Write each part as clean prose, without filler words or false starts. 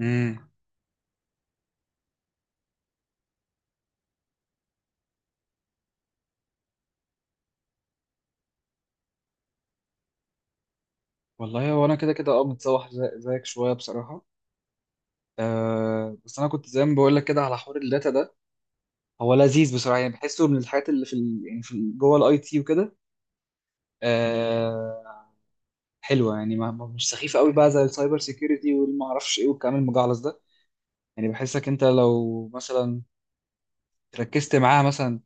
امم. والله هو انا كده كده اه متسوح زيك شويه بصراحه. أه بس انا كنت زي ما بقول لك كده على حوار الداتا ده، هو لذيذ بصراحه، يعني بحسه من الحاجات اللي في ال... يعني في ال- جوه الاي تي وكده. أه، حلوه يعني، مش سخيفه قوي بقى زي السايبر سيكيورتي والما اعرفش ايه والكلام المجعلص ده. يعني بحسك انت لو مثلا ركزت معاها، مثلا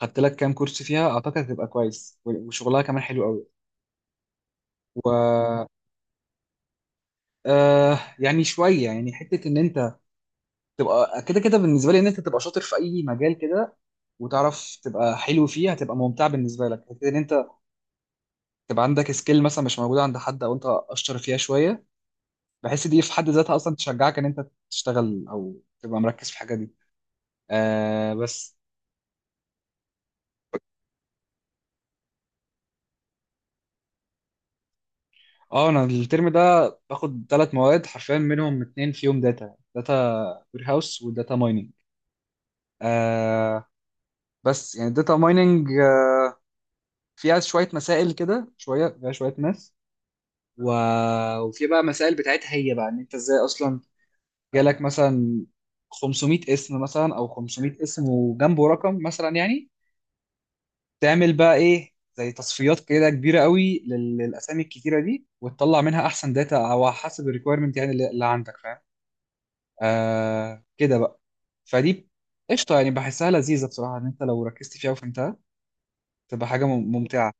خدت لك كام كورس فيها، اعتقد هتبقى كويس، وشغلها كمان حلو قوي. و أه يعني شويه، يعني حته ان انت تبقى كده كده بالنسبه لي ان انت تبقى شاطر في اي مجال كده وتعرف تبقى حلو فيه، هتبقى ممتع بالنسبه لك كده ان انت تبقى عندك سكيل مثلا مش موجوده عند حد او انت اشطر فيها شويه. بحس دي في حد ذاتها اصلا تشجعك ان انت تشتغل او تبقى مركز في الحاجه دي. آه بس. اه انا الترم ده باخد ثلاث مواد، حرفيا منهم اتنين فيهم داتا: داتا وير هاوس وداتا مايننج. آه، بس يعني الداتا مايننج فيها شويه مسائل كده، شويه فيها شويه ماس، و... وفي بقى مسائل بتاعتها هي بقى ان انت ازاي اصلا جالك مثلا 500 اسم، مثلا او 500 اسم وجنبه رقم مثلا، يعني تعمل بقى ايه؟ زي تصفيات كده كبيره قوي للاسامي الكتيره دي، وتطلع منها احسن داتا او حسب الريكويرمنت يعني، اللي عندك، فاهم. آه كده بقى. فدي قشطه يعني، بحسها لذيذه بصراحه ان انت لو ركزت فيها وفهمتها تبقى حاجه ممتعه،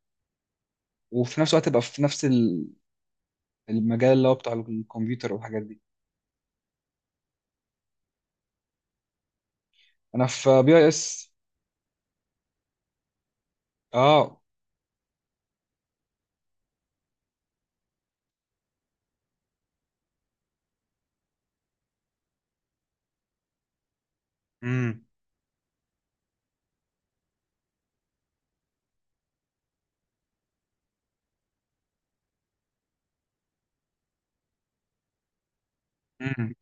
وفي نفس الوقت تبقى في نفس المجال اللي هو بتاع الكمبيوتر والحاجات دي. انا في بي اي اس. اه. امم. امم.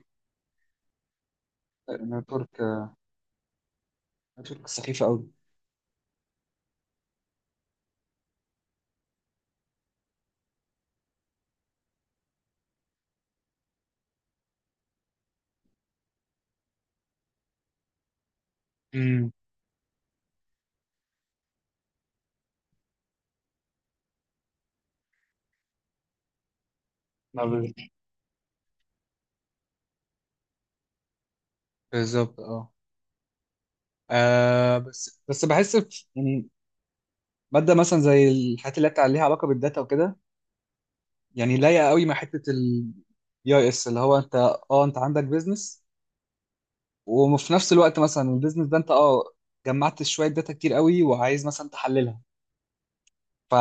لأن ترك، ترك سخيفة أوي. امم. ما بال- بالظبط اه. آه، بس بحس يعني مادة مثلا زي الحاجات اللي بتاع ليها علاقة بالداتا وكده، يعني لايقة قوي مع حتة ال اي اس، اللي هو انت اه انت عندك بيزنس وفي نفس الوقت مثلا البيزنس ده انت اه جمعت شوية داتا كتير قوي وعايز مثلا تحللها، ف...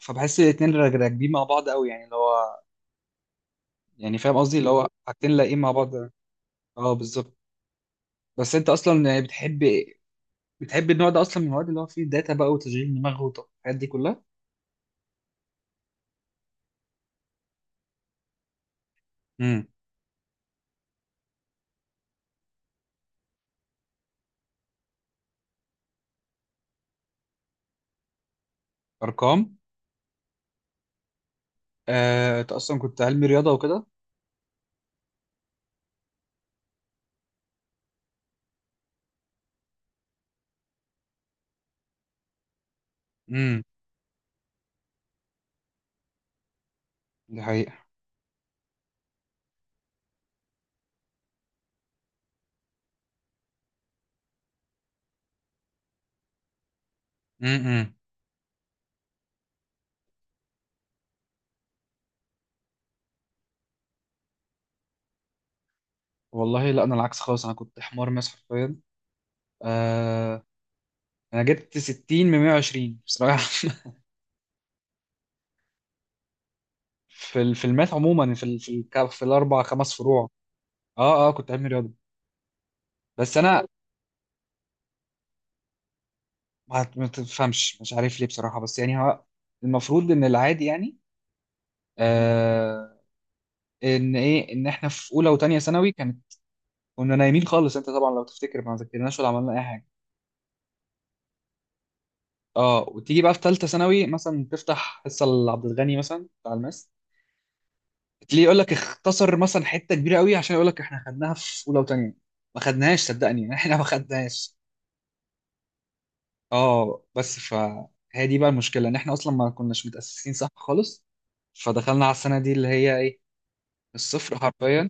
فبحس الاتنين راكبين مع بعض قوي، يعني اللي هو، يعني فاهم قصدي، اللي هو حاجتين لايقين مع بعض. اه بالظبط. بس انت اصلا يعني بتحب النوع ده اصلا من المواد اللي هو فيه داتا بقى وتشغيل دماغ والحاجات دي كلها؟ امم، ارقام. آه، انت اصلا كنت علمي رياضه وكده؟ امم. دي حقيقه. امم. والله لا انا العكس خالص، انا كنت حمار ماس حرفيا. آه، انا جبت 60 من 120 بصراحه. في الماث عموما، في ال- في الك- في الاربع خمس فروع. اه اه كنت علمي رياضه. بس انا ما تفهمش مش عارف ليه بصراحه، بس يعني هو المفروض ان العادي، يعني ان ايه، ان احنا في اولى وتانية ثانوي كانت، كنا نايمين خالص، انت طبعا لو تفتكر ما ذاكرناش ولا عملنا اي حاجه. اه، وتيجي بقى في ثالثه ثانوي مثلا، تفتح حصه لعبد الغني مثلا بتاع الماس، تلاقيه يقول لك اختصر مثلا حته كبيره قوي عشان يقول لك احنا خدناها في اولى وتانية. ما خدناهاش صدقني، احنا ما خدناهاش. اه، بس فهي دي بقى المشكله، ان احنا اصلا ما كناش متاسسين صح خالص، فدخلنا على السنه دي اللي هي ايه، الصفر حرفيا.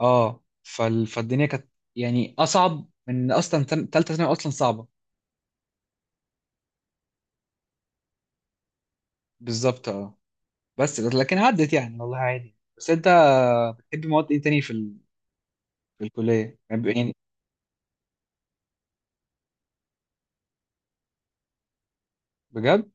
اه فالدنيا كانت يعني اصعب من اصلا تالتة ثانوي اصلا صعبه. بالظبط اه. بس لكن عدت يعني، والله عادي. بس انت بتحب مواد ايه تاني في في الكليه يعني يعني؟ بجد؟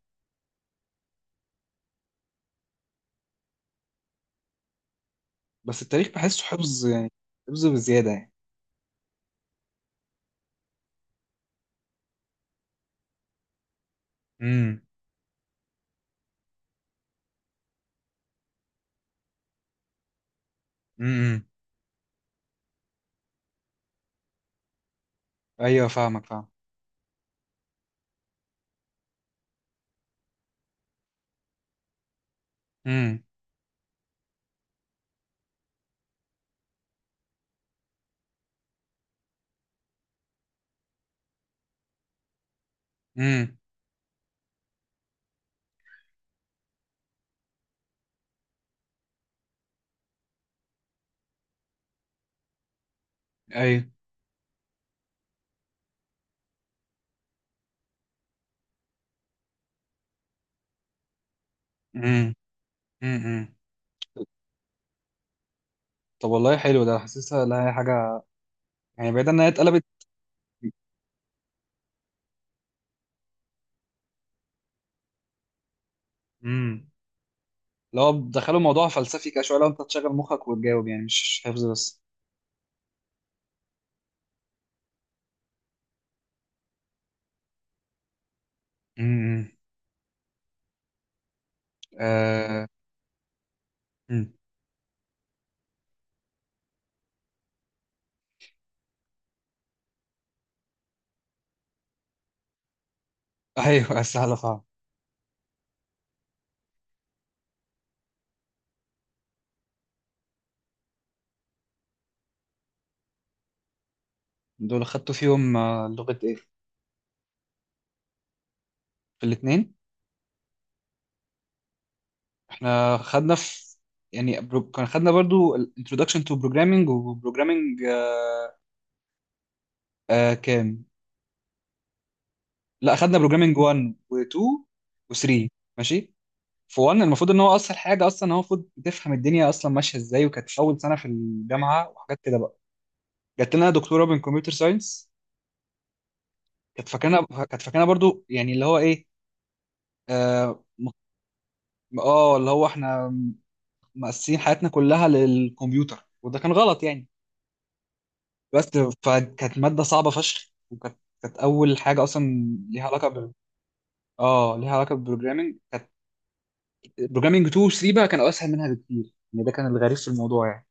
بس التاريخ بحسه حفظ يعني، حفظ بزياده يعني. امم. امم. ايوه فاهمك، فاهم. امم. امم. ايوه. امم. امم. طب والله حلو ده، حاسسها لها حاجه يعني بعيد انها اتقلبت. امم. لو دخلوا موضوع فلسفي كده شويه، لو انت تشغل مخك وتجاوب يعني مش حفظ بس. امم. آه. مم. ايوه سهله فاهم. دول خدتوا فيهم آه، لغة ايه؟ في الاتنين؟ احنا خدنا في يعني كان خدنا برضو ال- Introduction to Programming و Programming آه كام؟ لا خدنا Programming 1 و2 و3، ماشي؟ في 1 المفروض ان هو اسهل حاجة اصلا، هو المفروض تفهم الدنيا اصلا ماشية ازاي، وكانت اول سنة في الجامعة وحاجات كده بقى. جات لنا دكتورة من كمبيوتر ساينس، كانت فاكرنا برضو يعني اللي هو ايه، اه م- آه، اللي هو احنا مقسمين حياتنا كلها للكمبيوتر، وده كان غلط يعني. بس فكانت مادة صعبة فشخ، وكانت أول حاجة أصلا ليها علاقة ب اه ليها علاقة بالبروجرامينج. كانت بروجرامينج 2 و 3 بقى كانوا أسهل منها بكتير يعني، ده كان الغريب في الموضوع يعني.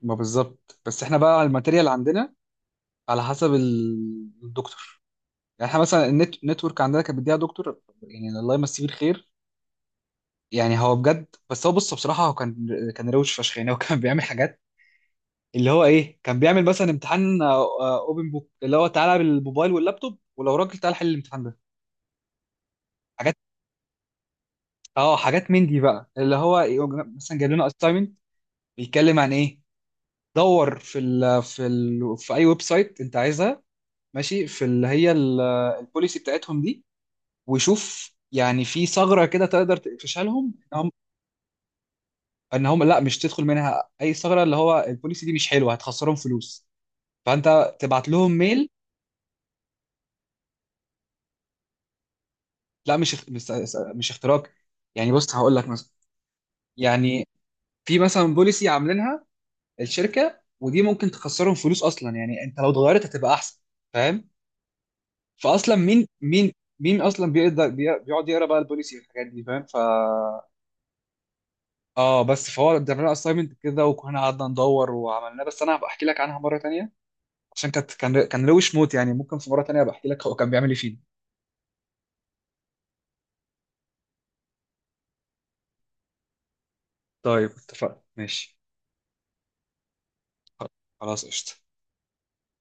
ما بالظبط، بس احنا بقى الماتيريال عندنا على حسب الدكتور يعني. احنا مثلا النت نتورك عندنا كانت بيديها دكتور، يعني الله يمسيه بالخير، يعني هو بجد، بس هو بص بصراحة هو كان روش فشخ يعني. هو كان بيعمل حاجات، اللي هو ايه، كان بيعمل مثلا امتحان اوبن بوك اللي هو تعالى بالموبايل واللابتوب، ولو راجل تعالى حل الامتحان ده. حاجات، اه حاجات من دي بقى، اللي هو مثلا جايب لنا اساينمنت، بيتكلم عن ايه، دور في اي ويب سايت انت عايزها، ماشي، في اللي هي البوليسي بتاعتهم دي، وشوف يعني في ثغره كده تقدر تقفشها لهم، ان هم لا، مش تدخل منها اي ثغره، اللي هو البوليسي دي مش حلوه، هتخسرهم فلوس، فانت تبعت لهم ميل. لا مش مش اختراق. يعني بص هقول لك مثلا، يعني في مثلا بوليسي عاملينها الشركه ودي ممكن تخسرهم فلوس اصلا، يعني انت لو اتغيرت هتبقى احسن، فاهم؟ فاصلا مين، مين اصلا بيقدر بيقعد يقرا بقى البوليسي والحاجات دي، فاهم؟ ف اه بس فهو ادالنا اسايمنت كده وكنا قعدنا ندور وعملناه، بس انا هبقى احكي لك عنها مره تانية عشان كانت، كان روش موت يعني، ممكن في مره تانية ابقى احكي لك هو كان بيعمل ايه فينا. طيب اتفقنا، ماشي. خلاص قشطه.